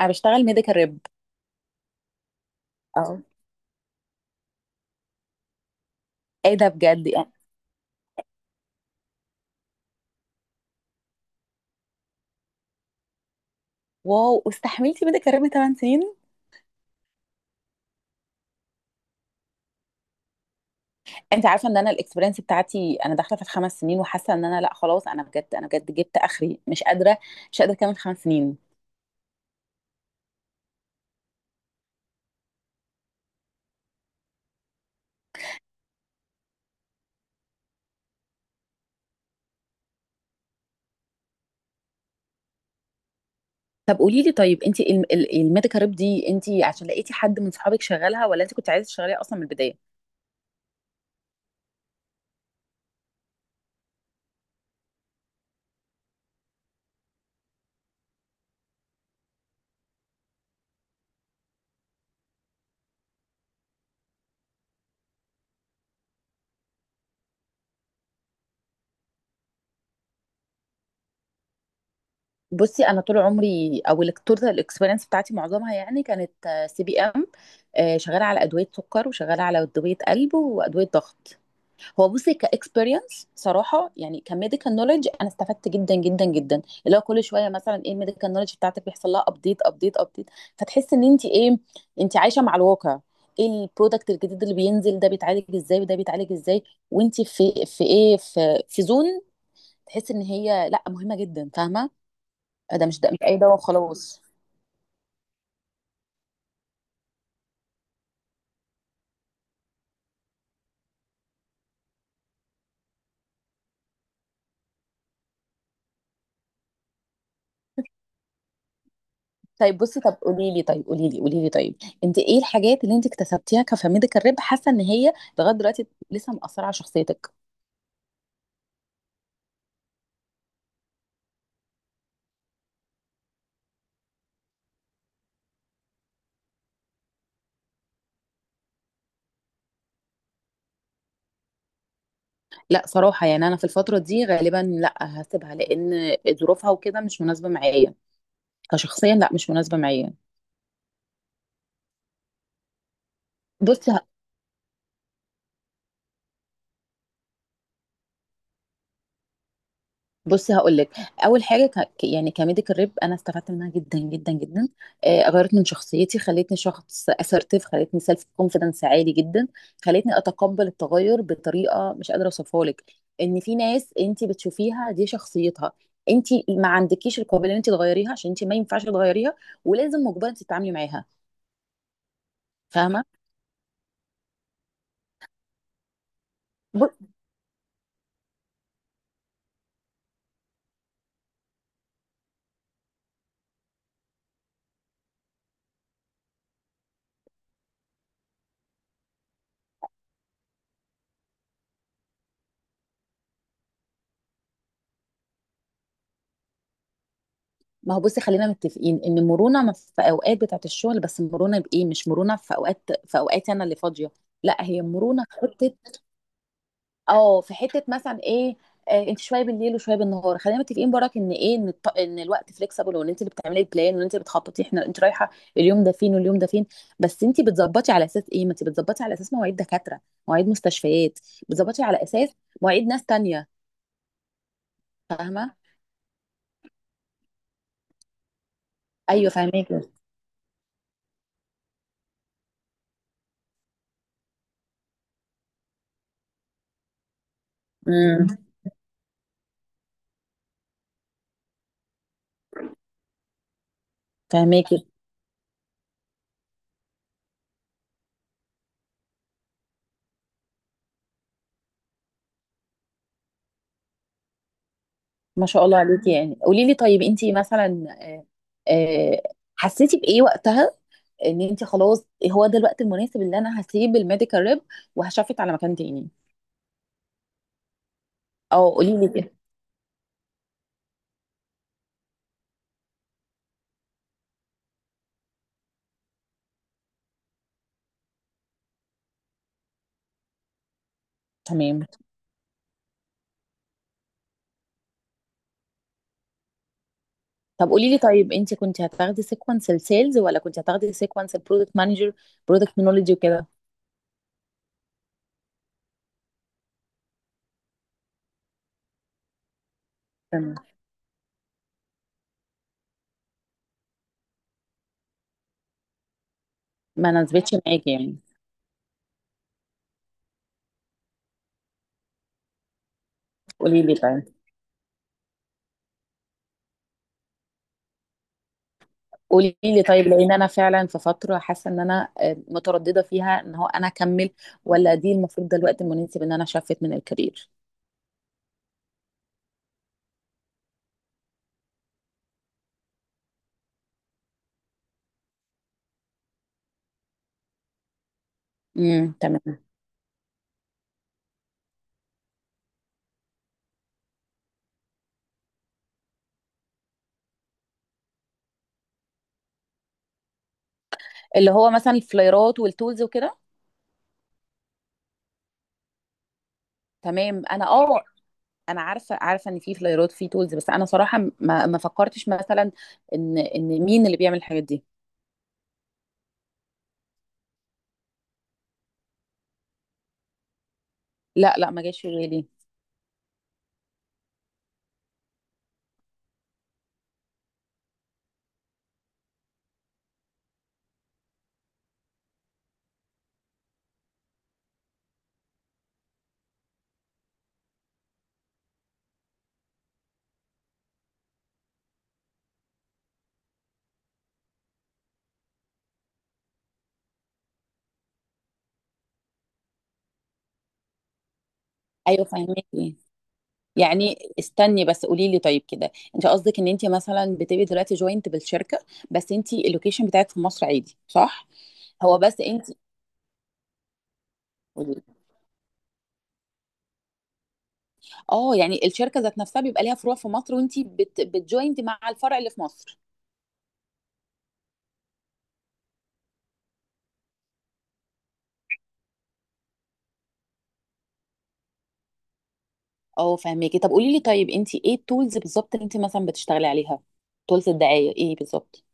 انا بشتغل ميديكال ريب. اه. ايه ده بجد يعني؟ واو، واستحملتي ميديكال ريب 8 سنين؟ انت عارفه ان انا الاكسبيرينس بتاعتي انا داخله في الخمس سنين، وحاسه ان انا لا، خلاص، انا بجد جبت اخري، مش قادره، مش قادره اكمل 5 سنين. طب قولي لي، طيب انت الميديكال ريب دي، انت عشان لقيتي حد من صحابك شغالها ولا انت كنت عايزه تشتغليها اصلا من البدايه؟ بصي، انا طول عمري، او التوتال الاكسبيرينس بتاعتي معظمها يعني كانت سي بي ام، شغاله على ادويه سكر، وشغاله على ادويه قلب وادويه ضغط. هو بصي كاكسبيرينس صراحه، يعني كميديكال نولج، انا استفدت جدا جدا جدا، اللي هو كل شويه مثلا ايه الميديكال نولج بتاعتك بيحصل لها ابديت ابديت ابديت. فتحس ان انت، ايه، انت عايشه مع الواقع. ايه البرودكت الجديد اللي بينزل، ده بيتعالج ازاي وده بيتعالج ازاي، وانت في ايه، في زون. تحس ان هي لا، مهمه جدا، فاهمه. ده مش اي دواء وخلاص. طيب بصي، طب قولي لي طيب انت ايه الحاجات اللي انت اكتسبتيها كفاميديكال ريب، حاسه ان هي لغايه دلوقتي لسه مأثره على شخصيتك؟ لأ صراحة، يعني أنا في الفترة دي غالبًا لأ، هاسيبها، لإن ظروفها وكده مش مناسبة معايا، كشخصيًا لأ مش مناسبة معايا. بُصّي ه بُصّي هاقول لك، أول حاجة ك ك يعني كMedical Rep أنا استفدت منها جدًا، جدًا، جدًا، غيّرت من شخصيتي، خلّتني شخص assertive، خلّتني self confidence عالي جدًا، خلّتني أتقبّل التغيُّر بطريقة مش قادرة أوصفها لِك، إن في ناس أنتِ بتشوفيها دي شخصيتها، أنتِ ما عندكيش القابلية إن أنتِ تغيّريها، عشان أنتِ ما ينفعش تغيّريها، ولازم مُجبرة إن أنتِ تتعاملي معاها، فاهمة؟ ب ما هو بصي، خلينا متفقين ان مرونه ما في اوقات بتاعه الشغل، بس مرونه بايه؟ مش مرونه في اوقاتي انا اللي فاضيه. لا، هي مرونه في حته. اه، في حته مثلا ايه؟ انت شويه بالليل وشويه بالنهار، خلينا متفقين براك ان ايه، ان الوقت فليكسبل، وان انت اللي بتعملي البلان، وان انت اللي بتخططي، احنا، انت رايحه اليوم ده فين واليوم ده فين؟ بس انت بتظبطي على اساس ايه؟ ما انت بتظبطي على اساس مواعيد دكاتره، مواعيد مستشفيات، بتظبطي على اساس مواعيد ناس تانية. فاهمه؟ ايوه، فاهماكي. امم فاهماكي. ما شاء الله عليكي. يعني قولي لي طيب انت مثلا، آه، حسيتي بايه وقتها ان انت خلاص هو ده الوقت المناسب اللي انا هسيب الميديكال ريب وهشفت على مكان تاني؟ او قولي لي كده. تمام. طب قولي لي طيب، انت كنت هتاخدي سيكونس السيلز ولا كنت هتاخدي سيكونس البرودكت مانجر؟ برودكت مانجر وكده. تمام. ما ناسبتش معاكي يعني. قولي لي طيب قولي لي طيب لان انا فعلا في فتره حاسه ان انا متردده فيها، ان هو انا اكمل ولا دي المفروض ده الوقت المناسب ان انا شفت من الكارير. تمام. اللي هو مثلا الفلايرات والتولز وكده. تمام، انا، اه، انا عارفه، عارفه ان في فلايرات، في تولز، بس انا صراحه ما فكرتش مثلا ان مين اللي بيعمل الحاجات دي. لا لا، ما جاش في بالي. ايوه، فهمتني، يعني استني بس، قولي لي طيب كده، انت قصدك ان انت مثلا بتبقي دلوقتي جوينت بالشركه بس انت اللوكيشن بتاعك في مصر عادي، صح؟ هو بس انت، اه، يعني الشركه ذات نفسها بيبقى ليها فروع في مصر وانت بتجوينت مع الفرع اللي في مصر. اه، فهميكي. طب قولي لي طيب، انت ايه التولز بالظبط اللي انت مثلا بتشتغلي عليها؟ تولز الدعاية ايه بالظبط؟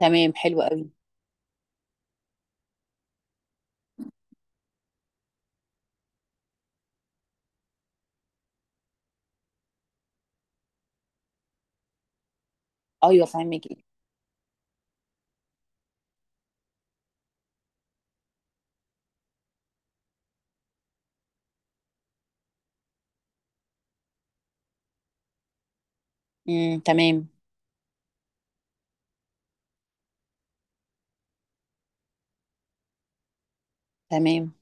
تمام، حلو قوي. ايوه، فهميكي. تمام. تمام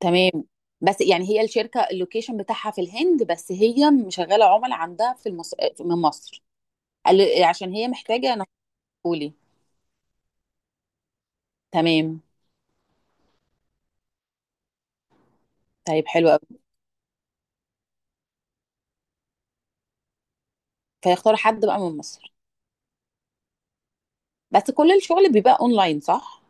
تمام. بس يعني هي الشركة اللوكيشن بتاعها في الهند، بس هي مشغلة عملاء عندها من مصر، عشان هي محتاجة انا. قولي. تمام، طيب حلو قوي. فيختاروا حد بقى من مصر. بس كل الشغل بيبقى اونلاين، صح؟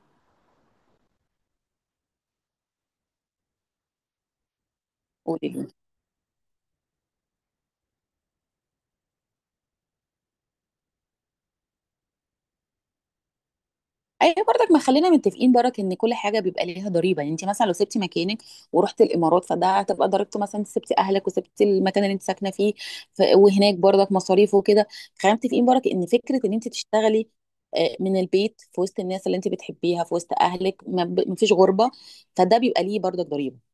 قولي لي. ايوه، برضك ما خلينا متفقين برك ان كل حاجه بيبقى ليها ضريبه، يعني انت مثلا لو سبتي مكانك ورحت الامارات فده هتبقى ضريبته، مثلا انت سبتي اهلك وسبتي المكان اللي انت ساكنه فيه، وهناك برضك مصاريف وكده. خلينا متفقين برك ان فكره ان انت تشتغلي من البيت في وسط الناس اللي انت بتحبيها، في وسط اهلك، ما فيش غربه، فده بيبقى ليه برضك ضريبه.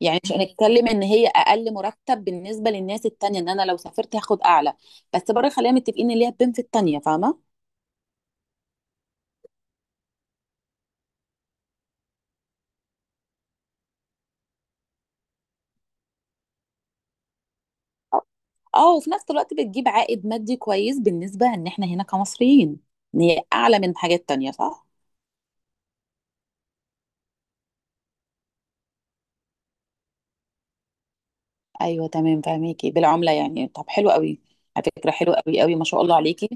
يعني مش هنتكلم ان هي اقل مرتب بالنسبه للناس التانيه، ان انا لو سافرت هاخد اعلى، بس برضه خلينا متفقين ان ليها بنفيت تانيه، فاهمه. اه، وفي نفس الوقت بتجيب عائد مادي كويس بالنسبة ان احنا هنا كمصريين، ان هي اعلى من حاجات تانية، صح؟ ايوه، تمام، فاهميكي، بالعملة يعني. طب حلو قوي. على فكرة حلو قوي قوي، ما شاء الله عليكي.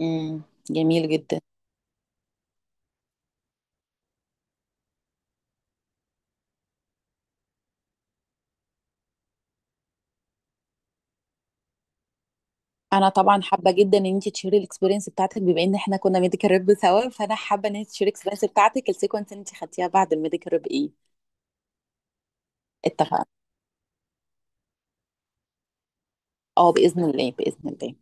امم جميل جدا. انا طبعا حابة جدا ان انت تشيري الاكسبيرينس بتاعتك، بما ان احنا كنا ميديكال ريب سوا، فانا حابة ان انت تشيري الاكسبيرينس بتاعتك، السيكونس اللي انت خدتيها بعد الميديكال ريب ايه؟ اتفقنا. اه، باذن الله باذن الله.